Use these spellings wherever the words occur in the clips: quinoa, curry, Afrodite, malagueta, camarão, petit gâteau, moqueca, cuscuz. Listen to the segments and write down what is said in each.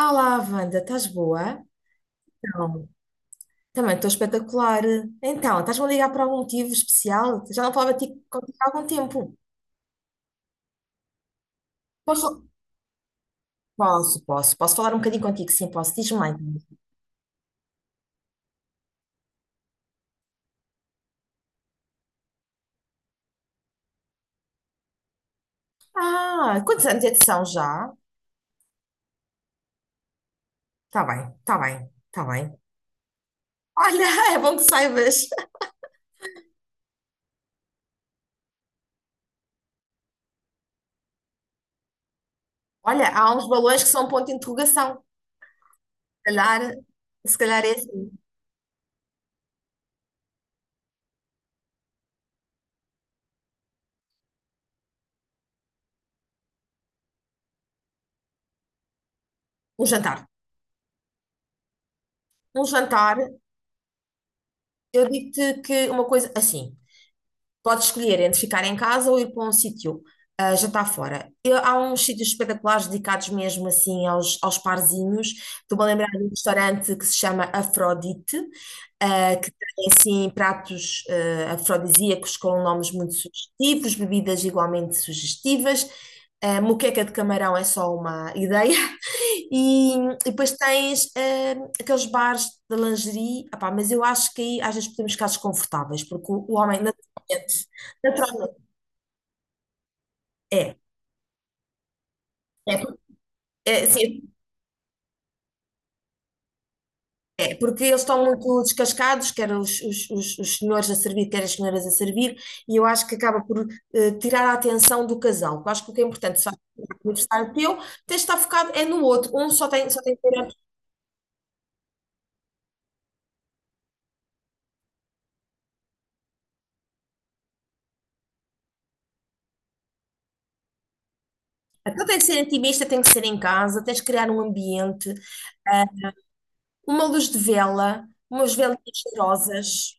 Olá, Wanda, estás boa? Então, também estou espetacular. Então, estás-me a ligar por algum motivo especial? Já não falava contigo há algum tempo. Posso? Posso, posso. Posso falar um bocadinho contigo? Sim, posso. Diz-me lá, então. Ah, quantos anos é que são já? Está bem, está bem, está bem. Olha, é bom que saibas. Olha, há uns balões que são um ponto de interrogação. Se calhar, se calhar é assim. Um jantar. Um jantar, eu digo-te que uma coisa assim. Podes escolher entre ficar em casa ou ir para um sítio, jantar fora. Há uns sítios espetaculares dedicados mesmo assim aos parzinhos. Estou-me a lembrar de um restaurante que se chama Afrodite, que tem assim pratos afrodisíacos com nomes muito sugestivos, bebidas igualmente sugestivas. A moqueca de camarão é só uma ideia. E depois tens aqueles bares de lingerie. Epá, mas eu acho que aí às vezes podemos ficar desconfortáveis, porque o homem. Naturalmente, é. É, sim, é, porque eles estão muito descascados, quer os senhores a servir, quer as senhoras a servir, e eu acho que acaba por tirar a atenção do casal. Eu acho que o que é importante, só vais fazer um aniversário é teu, tens de estar focado é no outro. Um só tem que ser, então tem que ser intimista, tem que ser em casa, tens de criar um ambiente, ah, uma luz de vela, umas velinhas cheirosas.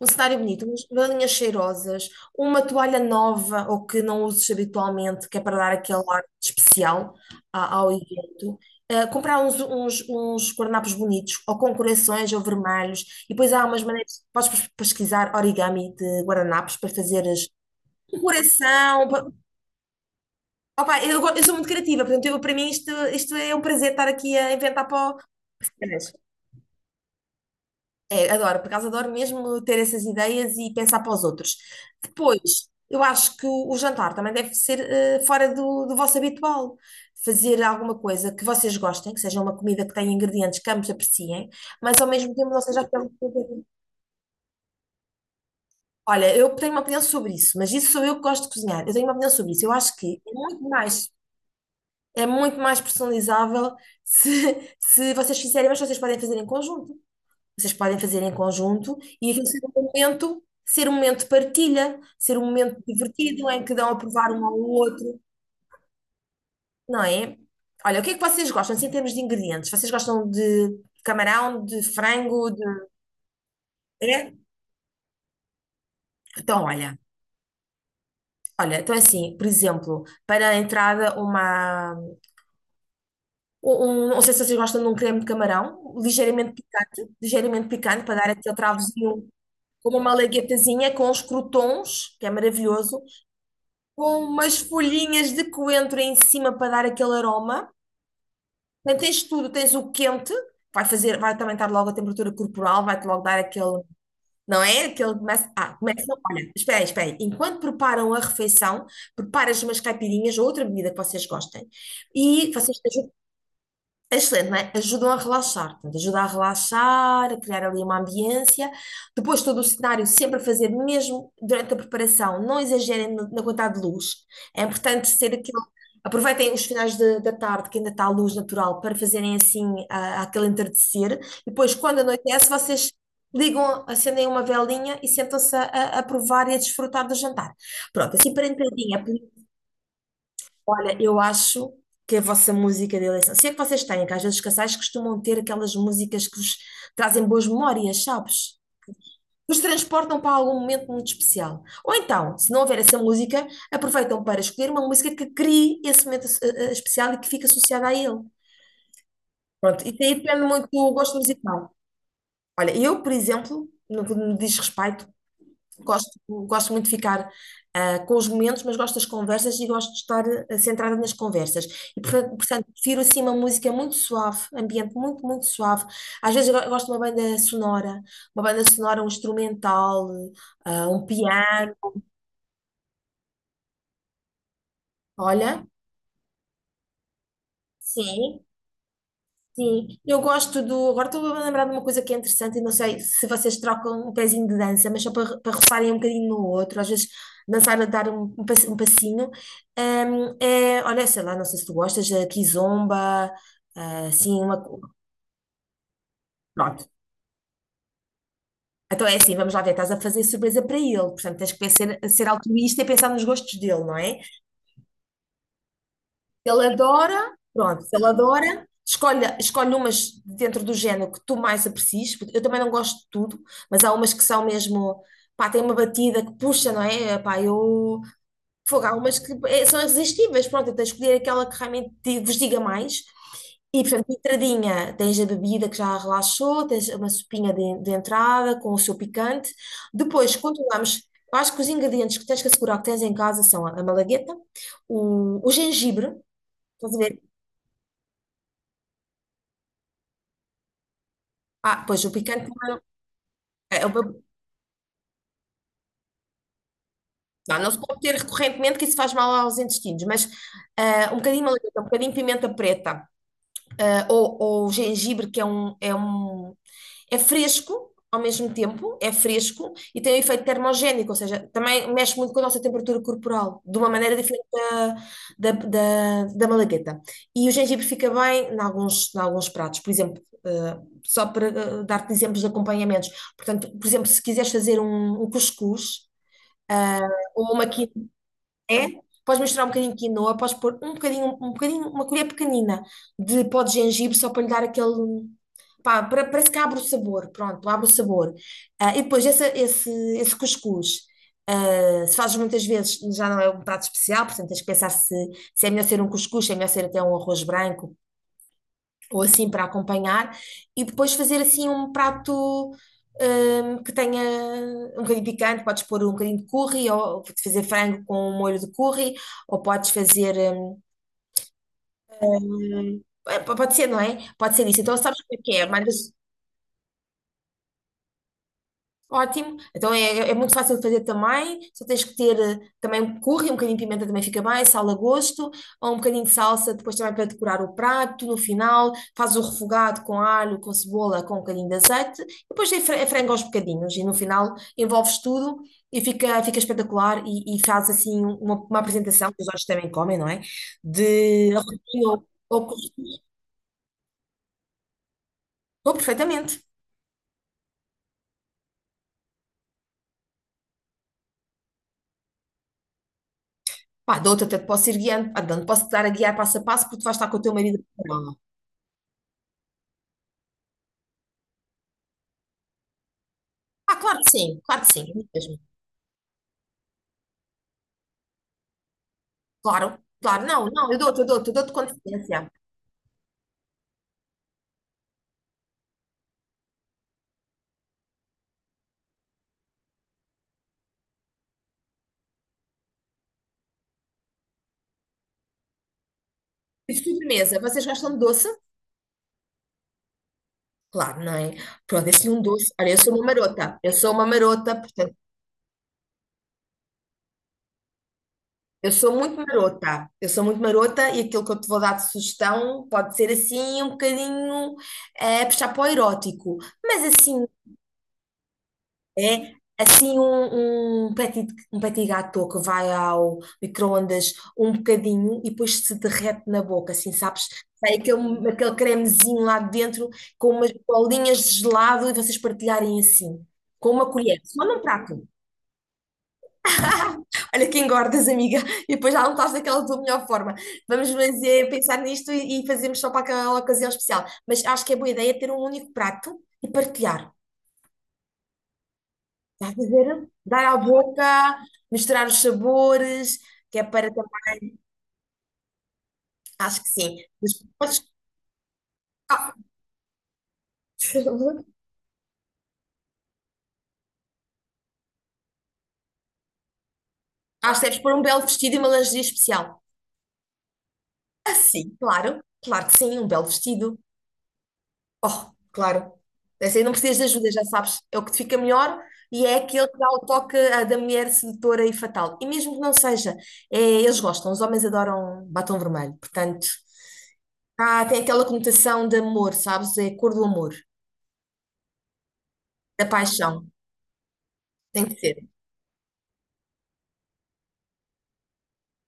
Um cenário bonito, umas galinhas cheirosas, uma toalha nova ou que não uses habitualmente, que é para dar aquele ar especial ao evento. Comprar uns, uns guardanapos bonitos, ou com corações ou vermelhos. E depois há umas maneiras, podes pesquisar origami de guardanapos para fazeres um coração. Opa, eu sou muito criativa, portanto, eu, para mim isto, é um prazer estar aqui a inventar o... É, adoro, por acaso adoro mesmo ter essas ideias e pensar para os outros. Depois, eu acho que o jantar também deve ser fora do vosso habitual. Fazer alguma coisa que vocês gostem, que seja uma comida que tenha ingredientes que ambos apreciem, mas ao mesmo tempo não seja aquela coisa. Olha, eu tenho uma opinião sobre isso, mas isso sou eu que gosto de cozinhar. Eu tenho uma opinião sobre isso. Eu acho que é muito mais personalizável se, se vocês fizerem, mas vocês podem fazer em conjunto. Vocês podem fazer em conjunto e aquilo ser um momento de partilha, ser um momento divertido em que dão a provar um ao outro, não é? Olha, o que é que vocês gostam, assim, em termos de ingredientes? Vocês gostam de camarão, de frango. É? Então, olha, então é assim, por exemplo, para a entrada. Não sei se vocês gostam de um creme de camarão, ligeiramente picante, para dar aquele travozinho, como uma malaguetazinha com os crotons, que é maravilhoso, com umas folhinhas de coentro em cima para dar aquele aroma. Portanto, tens tudo, tens o quente, vai fazer, vai também estar logo a temperatura corporal, vai-te logo dar aquele, não é? Aquele começa, olha, espera aí, espera aí. Enquanto preparam a refeição, preparas umas caipirinhas ou outra bebida que vocês gostem. E vocês é excelente, não é? Ajudam a relaxar, portanto, ajuda a relaxar, a criar ali uma ambiência. Depois, todo o cenário, sempre a fazer, mesmo durante a preparação, não exagerem na quantidade de luz. É importante ser aquilo. Aproveitem os finais da tarde, que ainda está a luz natural, para fazerem assim aquele entardecer. E depois, quando anoitece, vocês ligam, acendem uma velinha e sentam-se a provar e a desfrutar do jantar. Pronto, assim para entradinha. Olha, eu acho que a vossa música de eleição, se é que vocês têm, que às vezes os casais costumam ter aquelas músicas que vos trazem boas memórias, sabes? Vos transportam para algum momento muito especial. Ou então, se não houver essa música, aproveitam para escolher uma música que crie esse momento especial e que fique associada a ele. Pronto, isso aí depende muito do gosto musical. Olha, eu, por exemplo, no que me diz respeito, Gosto, gosto muito de ficar com os momentos, mas gosto das conversas e gosto de estar centrada nas conversas. E, portanto, prefiro assim uma música muito suave, ambiente muito, muito suave. Às vezes eu gosto de uma banda sonora, um instrumental, um piano. Olha, sim. Sim, eu gosto do. Agora estou a lembrar de uma coisa que é interessante, e não sei se vocês trocam um pezinho de dança, mas só para roçarem um bocadinho no outro, às vezes dançar a dar um, um passinho. É, olha, sei lá, não sei se tu gostas, a kizomba, assim, uma. Pronto. Então é assim, vamos lá ver, estás a fazer surpresa para ele, portanto tens que ser, ser altruísta e pensar nos gostos dele, não é? Ele adora, pronto, se ele adora, escolhe, escolhe umas dentro do género que tu mais aprecies, porque eu também não gosto de tudo, mas há umas que são mesmo, pá, tem uma batida que puxa, não é? Pá, eu. Fogo, há umas que são irresistíveis, pronto, eu tenho que escolher aquela que realmente vos diga mais. E, portanto, entradinha, tens a bebida que já relaxou, tens uma sopinha de entrada com o seu picante. Depois, continuamos. Eu acho que os ingredientes que tens que assegurar que tens em casa são a malagueta, o gengibre. Estás a ver? Ah, pois o picante também não, é. Não, não se pode ter recorrentemente que isso faz mal aos intestinos, mas um bocadinho de malagueta, um bocadinho de pimenta preta, ou gengibre, que é um, é fresco ao mesmo tempo, é fresco e tem um efeito termogénico, ou seja, também mexe muito com a nossa temperatura corporal, de uma maneira diferente da, da, da malagueta. E o gengibre fica bem em alguns pratos, por exemplo, só para dar-te exemplos de acompanhamentos. Portanto, por exemplo, se quiseres fazer um, um cuscuz, ah, ou uma quinoa, é? Podes misturar um bocadinho de quinoa, podes pôr um bocadinho, uma colher pequenina de pó de gengibre só para lhe dar aquele. Pá, parece que abre o sabor, pronto, abre o sabor. Ah, e depois esse, esse cuscuz, se fazes muitas vezes, já não é um prato especial, portanto tens que pensar se, se é melhor ser um cuscuz, se é melhor ser até um arroz branco, ou assim para acompanhar, e depois fazer assim um prato que tenha um bocadinho picante, podes pôr um bocadinho de curry, ou fazer frango com um molho de curry, ou podes fazer, é, pode ser, não é? Pode ser isso. Então sabes o que é? Mandas. Ótimo. Então é, é muito fácil de fazer também. Só tens que ter também um curry, um bocadinho de pimenta também fica bem, sal a gosto, ou um bocadinho de salsa depois também para decorar o prato. No final, faz o refogado com alho, com cebola, com um bocadinho de azeite. E depois é é frango aos bocadinhos e no final envolves tudo e fica, fica espetacular e faz assim um, uma apresentação, que os outros também comem, não é? De arrozinho ou cuscuz. Dou perfeitamente. Pá, dou-te até te posso ir guiando, pá, posso-te dar a guiar passo a passo porque tu vais estar com o teu marido. Ah, claro que sim, é mesmo. Claro, claro, não, não, eu dou-te, eu dou-te com antecedência. E de sobremesa, vocês gostam de doce? Claro, não é? Pronto, esse é um doce. Olha, eu sou uma marota, eu sou uma marota, portanto, eu sou muito marota, eu sou muito marota e aquilo que eu te vou dar de sugestão pode ser assim um bocadinho puxar para o erótico, mas assim. É assim um, um petit gâteau que vai ao micro-ondas um bocadinho e depois se derrete na boca, assim, sabes? Sai aquele, aquele cremezinho lá dentro com umas bolinhas de gelado e vocês partilharem assim, com uma colher, só num prato. Olha que engordas, amiga, e depois já não estás daquela tua melhor forma. Vamos fazer, pensar nisto e fazemos só para aquela ocasião especial. Mas acho que é boa ideia ter um único prato e partilhar. Estás a ver? Dar à boca, misturar os sabores, que é para também. Acho que sim. Mas podes. Ah, acho que deves pôr um belo vestido e uma lingerie especial. Ah, sim, claro. Claro que sim, um belo vestido. Oh, claro. Essa aí não precisas de ajuda, já sabes. É o que te fica melhor e é aquele que dá o toque da mulher sedutora e fatal. E mesmo que não seja, é, eles gostam. Os homens adoram batom vermelho. Portanto, tem aquela conotação de amor, sabes? É a cor do amor, da paixão. Tem que ser.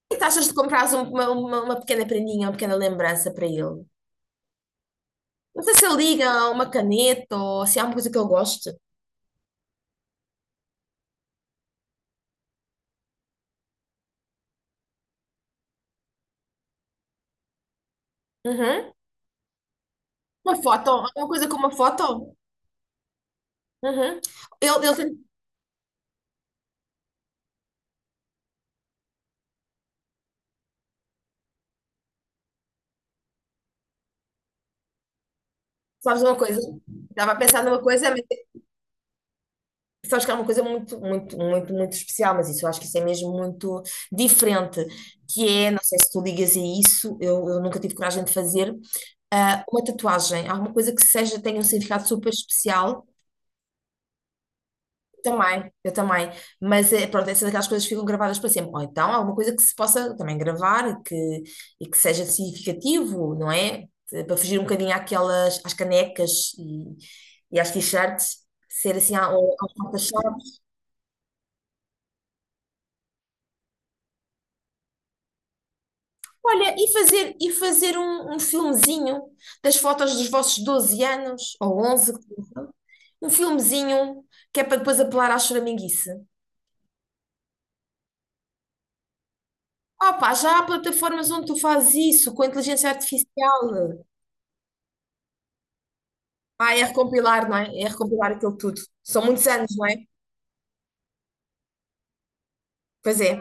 Que taxas de comprares uma pequena prendinha, uma pequena lembrança para ele? Não sei se ele liga uma caneta ou se há uma coisa que ele goste. Uhum. Uma foto, alguma coisa com uma foto. Uhum. Ele tem, sabes uma coisa? Estava a pensar numa coisa, mas sabes que é uma coisa muito, muito, muito, muito especial, mas isso eu acho que isso é mesmo muito diferente, que é, não sei se tu ligas a isso, eu nunca tive coragem de fazer, uma tatuagem, alguma coisa que seja, tenha um significado super especial. Também, eu também. Mas é, pronto, essa é daquelas coisas que ficam gravadas para sempre. Ou então alguma coisa que se possa também gravar e que seja significativo, não é? Para fugir um bocadinho àquelas, às canecas e às t-shirts, ser assim ou às fotos-chave. Olha, e fazer um, um filmezinho das fotos dos vossos 12 anos, ou 11, um filmezinho que é para depois apelar à choraminguice. Opa, já há plataformas onde tu fazes isso com a inteligência artificial. Ah, é recompilar, não é? É recompilar aquilo tudo. São muitos anos, não é? Pois é.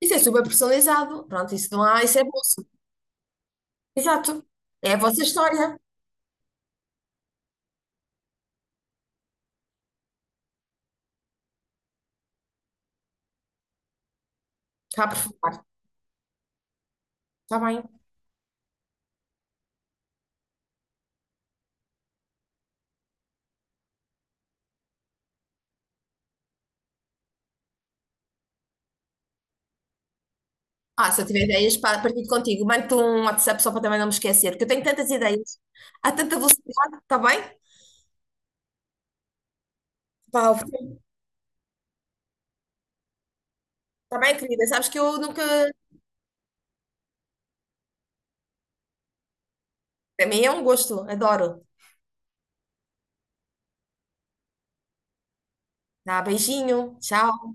Isso é super personalizado. Pronto, isso não há, isso é bolso. Exato. É a vossa história. Está a perfurar. Está bem. Ah, se eu tiver ideias, partilho contigo. Mando-te um WhatsApp só para também não me esquecer, porque eu tenho tantas ideias. Há tanta velocidade, está bem? Pá, está bem, querida. Sabes que eu nunca. Para mim é um gosto. Adoro. Tá, beijinho. Tchau.